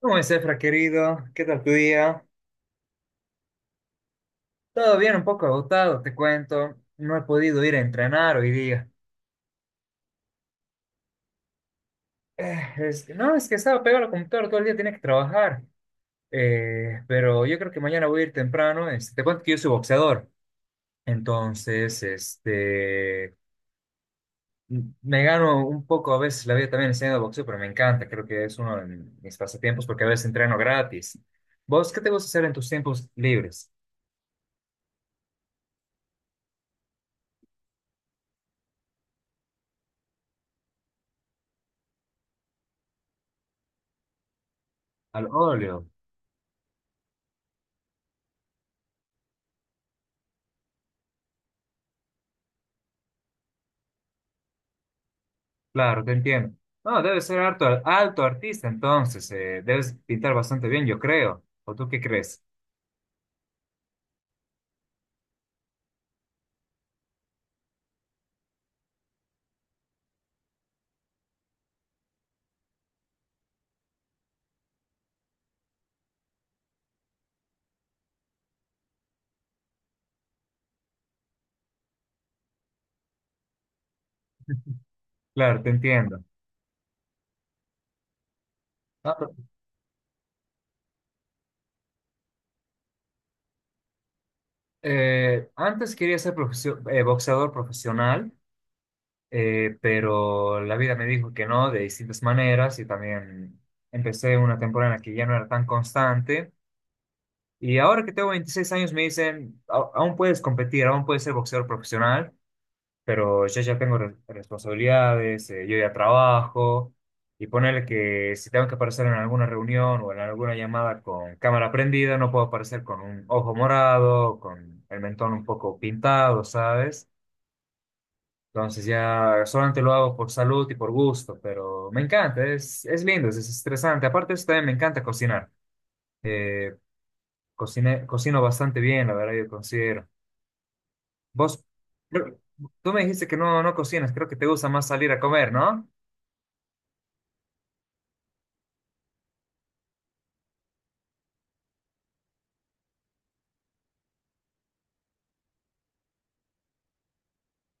¿Cómo es, Efra, querido? ¿Qué tal tu día? Todo bien, un poco agotado, te cuento. No he podido ir a entrenar hoy día. No, es que estaba pegado al computador todo el día, tenía que trabajar. Pero yo creo que mañana voy a ir temprano. Este, te cuento que yo soy boxeador. Entonces, este, me gano un poco a veces la vida también enseñando boxeo, pero me encanta. Creo que es uno de mis pasatiempos porque a veces entreno gratis. ¿Vos qué te gusta hacer en tus tiempos libres? Al óleo. Claro, te entiendo. No, debe ser alto, alto artista, entonces, debes pintar bastante bien, yo creo. ¿O tú qué crees? Claro, te entiendo. Ah, pero, antes quería ser boxeador profesional, pero la vida me dijo que no, de distintas maneras, y también empecé una temporada en la que ya no era tan constante. Y ahora que tengo 26 años me dicen, Aún puedes competir, aún puedes ser boxeador profesional. Pero yo ya tengo responsabilidades, yo ya trabajo, y ponerle que si tengo que aparecer en alguna reunión o en alguna llamada con cámara prendida, no puedo aparecer con un ojo morado, con el mentón un poco pintado, ¿sabes?" Entonces ya solamente lo hago por salud y por gusto, pero me encanta, es lindo, es estresante. Aparte de eso, también me encanta cocinar. Eh, Cocino bastante bien, la verdad, yo considero. Vos, creo- Tú me dijiste que no, no cocinas, creo que te gusta más salir a comer, ¿no?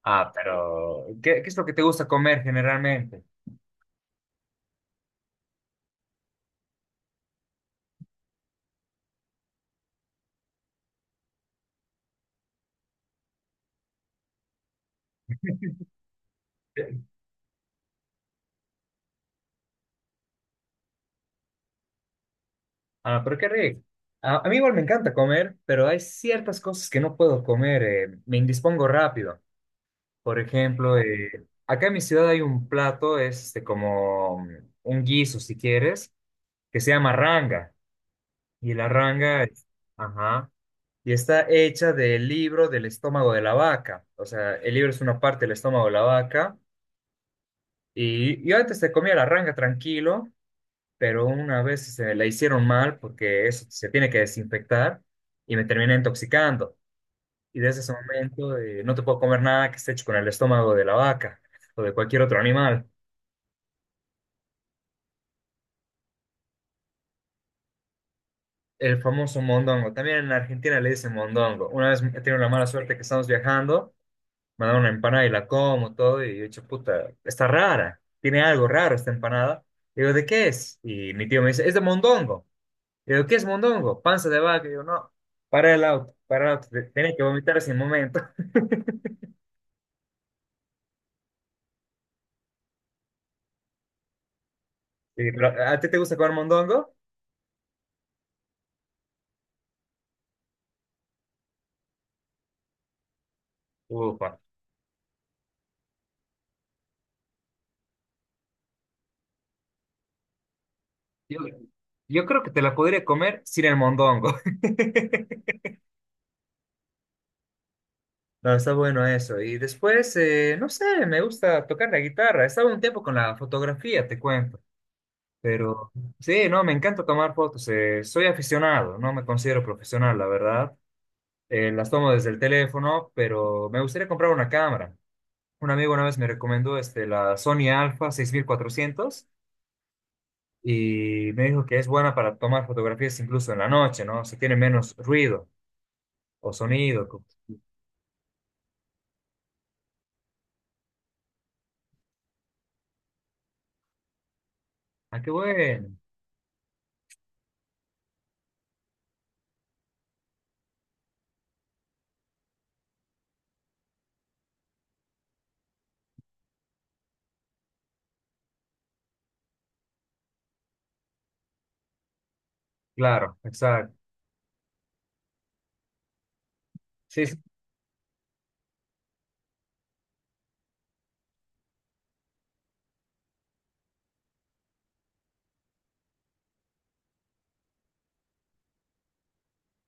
Ah, pero ¿qué, qué es lo que te gusta comer generalmente? Ah, pero qué rico. A mí igual me encanta comer, pero hay ciertas cosas que no puedo comer, me indispongo rápido. Por ejemplo, acá en mi ciudad hay un plato, es este, como un guiso, si quieres, que se llama ranga. Y la ranga, es- ajá, y está hecha del libro del estómago de la vaca. O sea, el libro es una parte del estómago de la vaca. Y yo antes te comía la ranga tranquilo. Pero una vez se la hicieron mal porque eso se tiene que desinfectar y me terminé intoxicando. Y desde ese momento no te puedo comer nada que esté hecho con el estómago de la vaca o de cualquier otro animal. El famoso mondongo. También en Argentina le dicen mondongo. Una vez he tenido la mala suerte que estamos viajando, me dan una empanada y la como todo y yo he dicho, puta, está rara, tiene algo raro esta empanada. Digo, ¿de qué es? Y mi tío me dice, es de mondongo. Y yo, ¿qué es mondongo? Panza de vaca. Y yo, no, para el auto, tenés que vomitar ese momento. Y, pero, ¿a ti te gusta comer mondongo? Ufa. Yo, yo creo que te la podría comer sin el mondongo. No, está bueno eso. Y después, no sé, me gusta tocar la guitarra. Estaba un tiempo con la fotografía, te cuento. Pero sí, no, me encanta tomar fotos. Soy aficionado, no me considero profesional, la verdad. Las tomo desde el teléfono, pero me gustaría comprar una cámara. Un amigo una vez me recomendó este, la Sony Alpha 6400 y me dijo que es buena para tomar fotografías incluso en la noche, ¿no? O sea, tiene menos ruido o sonido. Ah, qué bueno. Claro, exacto. Sí, sí,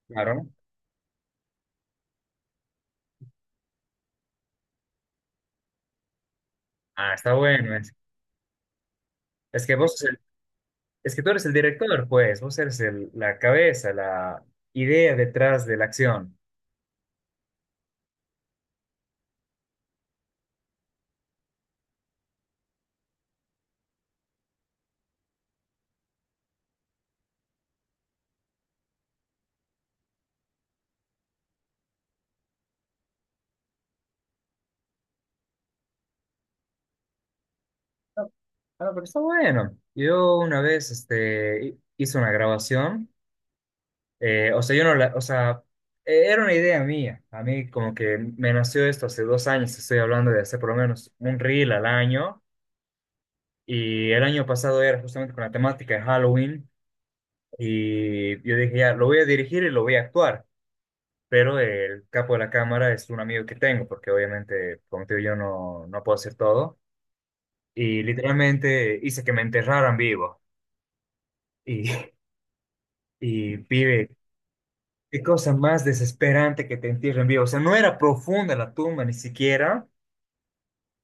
claro. ¿No? Ah, está bueno. Es que vos, sos el- es que tú eres el director, pues. La cabeza, la idea detrás de la acción. Ah, ah, pero está bueno. Yo una vez este, hice una grabación. O sea, yo no la, o sea, Era una idea mía. A mí como que me nació esto hace dos años, estoy hablando de hacer por lo menos un reel al año. Y el año pasado era justamente con la temática de Halloween. Y yo dije, ya, lo voy a dirigir y lo voy a actuar. Pero el capo de la cámara es un amigo que tengo, porque obviamente, como te digo, yo no, no puedo hacer todo. Y literalmente hice que me enterraran vivo. Y, y pibe, qué cosa más desesperante que te entierren vivo. O sea, no era profunda la tumba ni siquiera.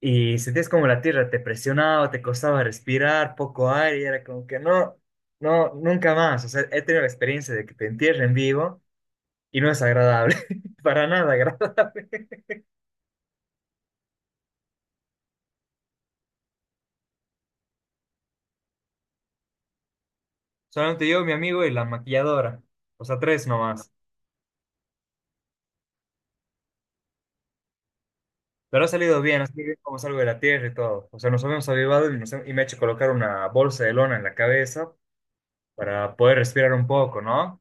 Y sentías como la tierra te presionaba, te costaba respirar, poco aire. Y era como que no, no, nunca más. O sea, he tenido la experiencia de que te entierren vivo y no es agradable. Para nada agradable. Solamente yo, mi amigo y la maquilladora. O sea, tres nomás. Pero ha salido bien, así bien como salgo de la tierra y todo. O sea, nos habíamos avivado y, y me he hecho colocar una bolsa de lona en la cabeza para poder respirar un poco, ¿no?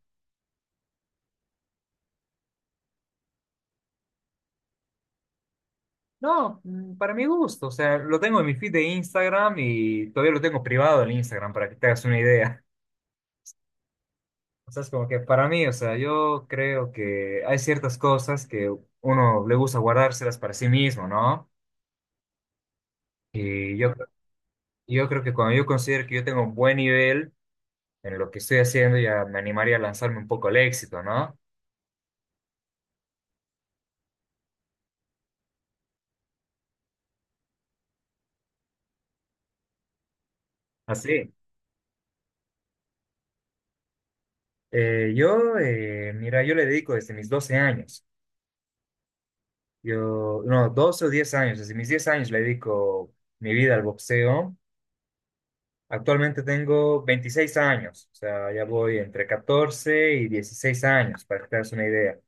No, para mi gusto, o sea, lo tengo en mi feed de Instagram y todavía lo tengo privado en Instagram para que te hagas una idea. O sea, es como que para mí, o sea, yo creo que hay ciertas cosas que uno le gusta guardárselas para sí mismo, ¿no? Y yo creo que cuando yo considero que yo tengo un buen nivel en lo que estoy haciendo, ya me animaría a lanzarme un poco al éxito, ¿no? Así. Mira, yo le dedico desde mis 12 años. Yo, no, 12 o 10 años, desde mis 10 años le dedico mi vida al boxeo. Actualmente tengo 26 años, o sea, ya voy entre 14 y 16 años, para que te hagas una idea.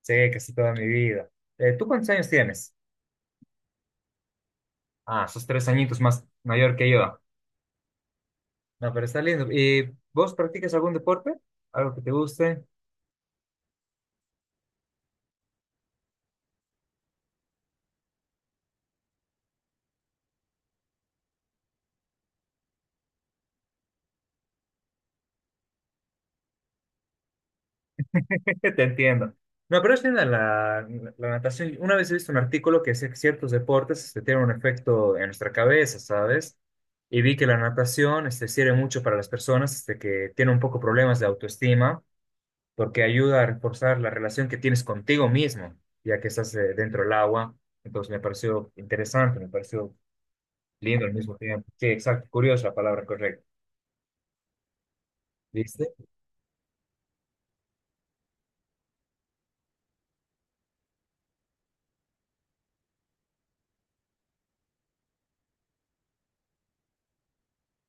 Sé casi toda mi vida. ¿Tú cuántos años tienes? Ah, sos tres añitos más mayor que yo. No, pero está lindo. ¿Y vos practicas algún deporte? ¿Algo que te guste? Que te entiendo. No, pero es linda la, la, la natación. Una vez he visto un artículo que decía que ciertos deportes este, tienen un efecto en nuestra cabeza, ¿sabes? Y vi que la natación este, sirve mucho para las personas este, que tienen un poco problemas de autoestima, porque ayuda a reforzar la relación que tienes contigo mismo, ya que estás dentro del agua. Entonces me pareció interesante, me pareció lindo al mismo tiempo. Sí, exacto, curiosa la palabra correcta. ¿Viste?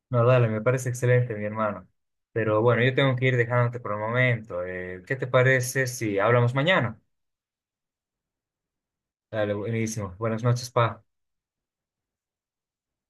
No, dale, me parece excelente, mi hermano. Pero bueno, yo tengo que ir dejándote por el momento. ¿Qué te parece si hablamos mañana? Dale, buenísimo. Buenas noches, pa.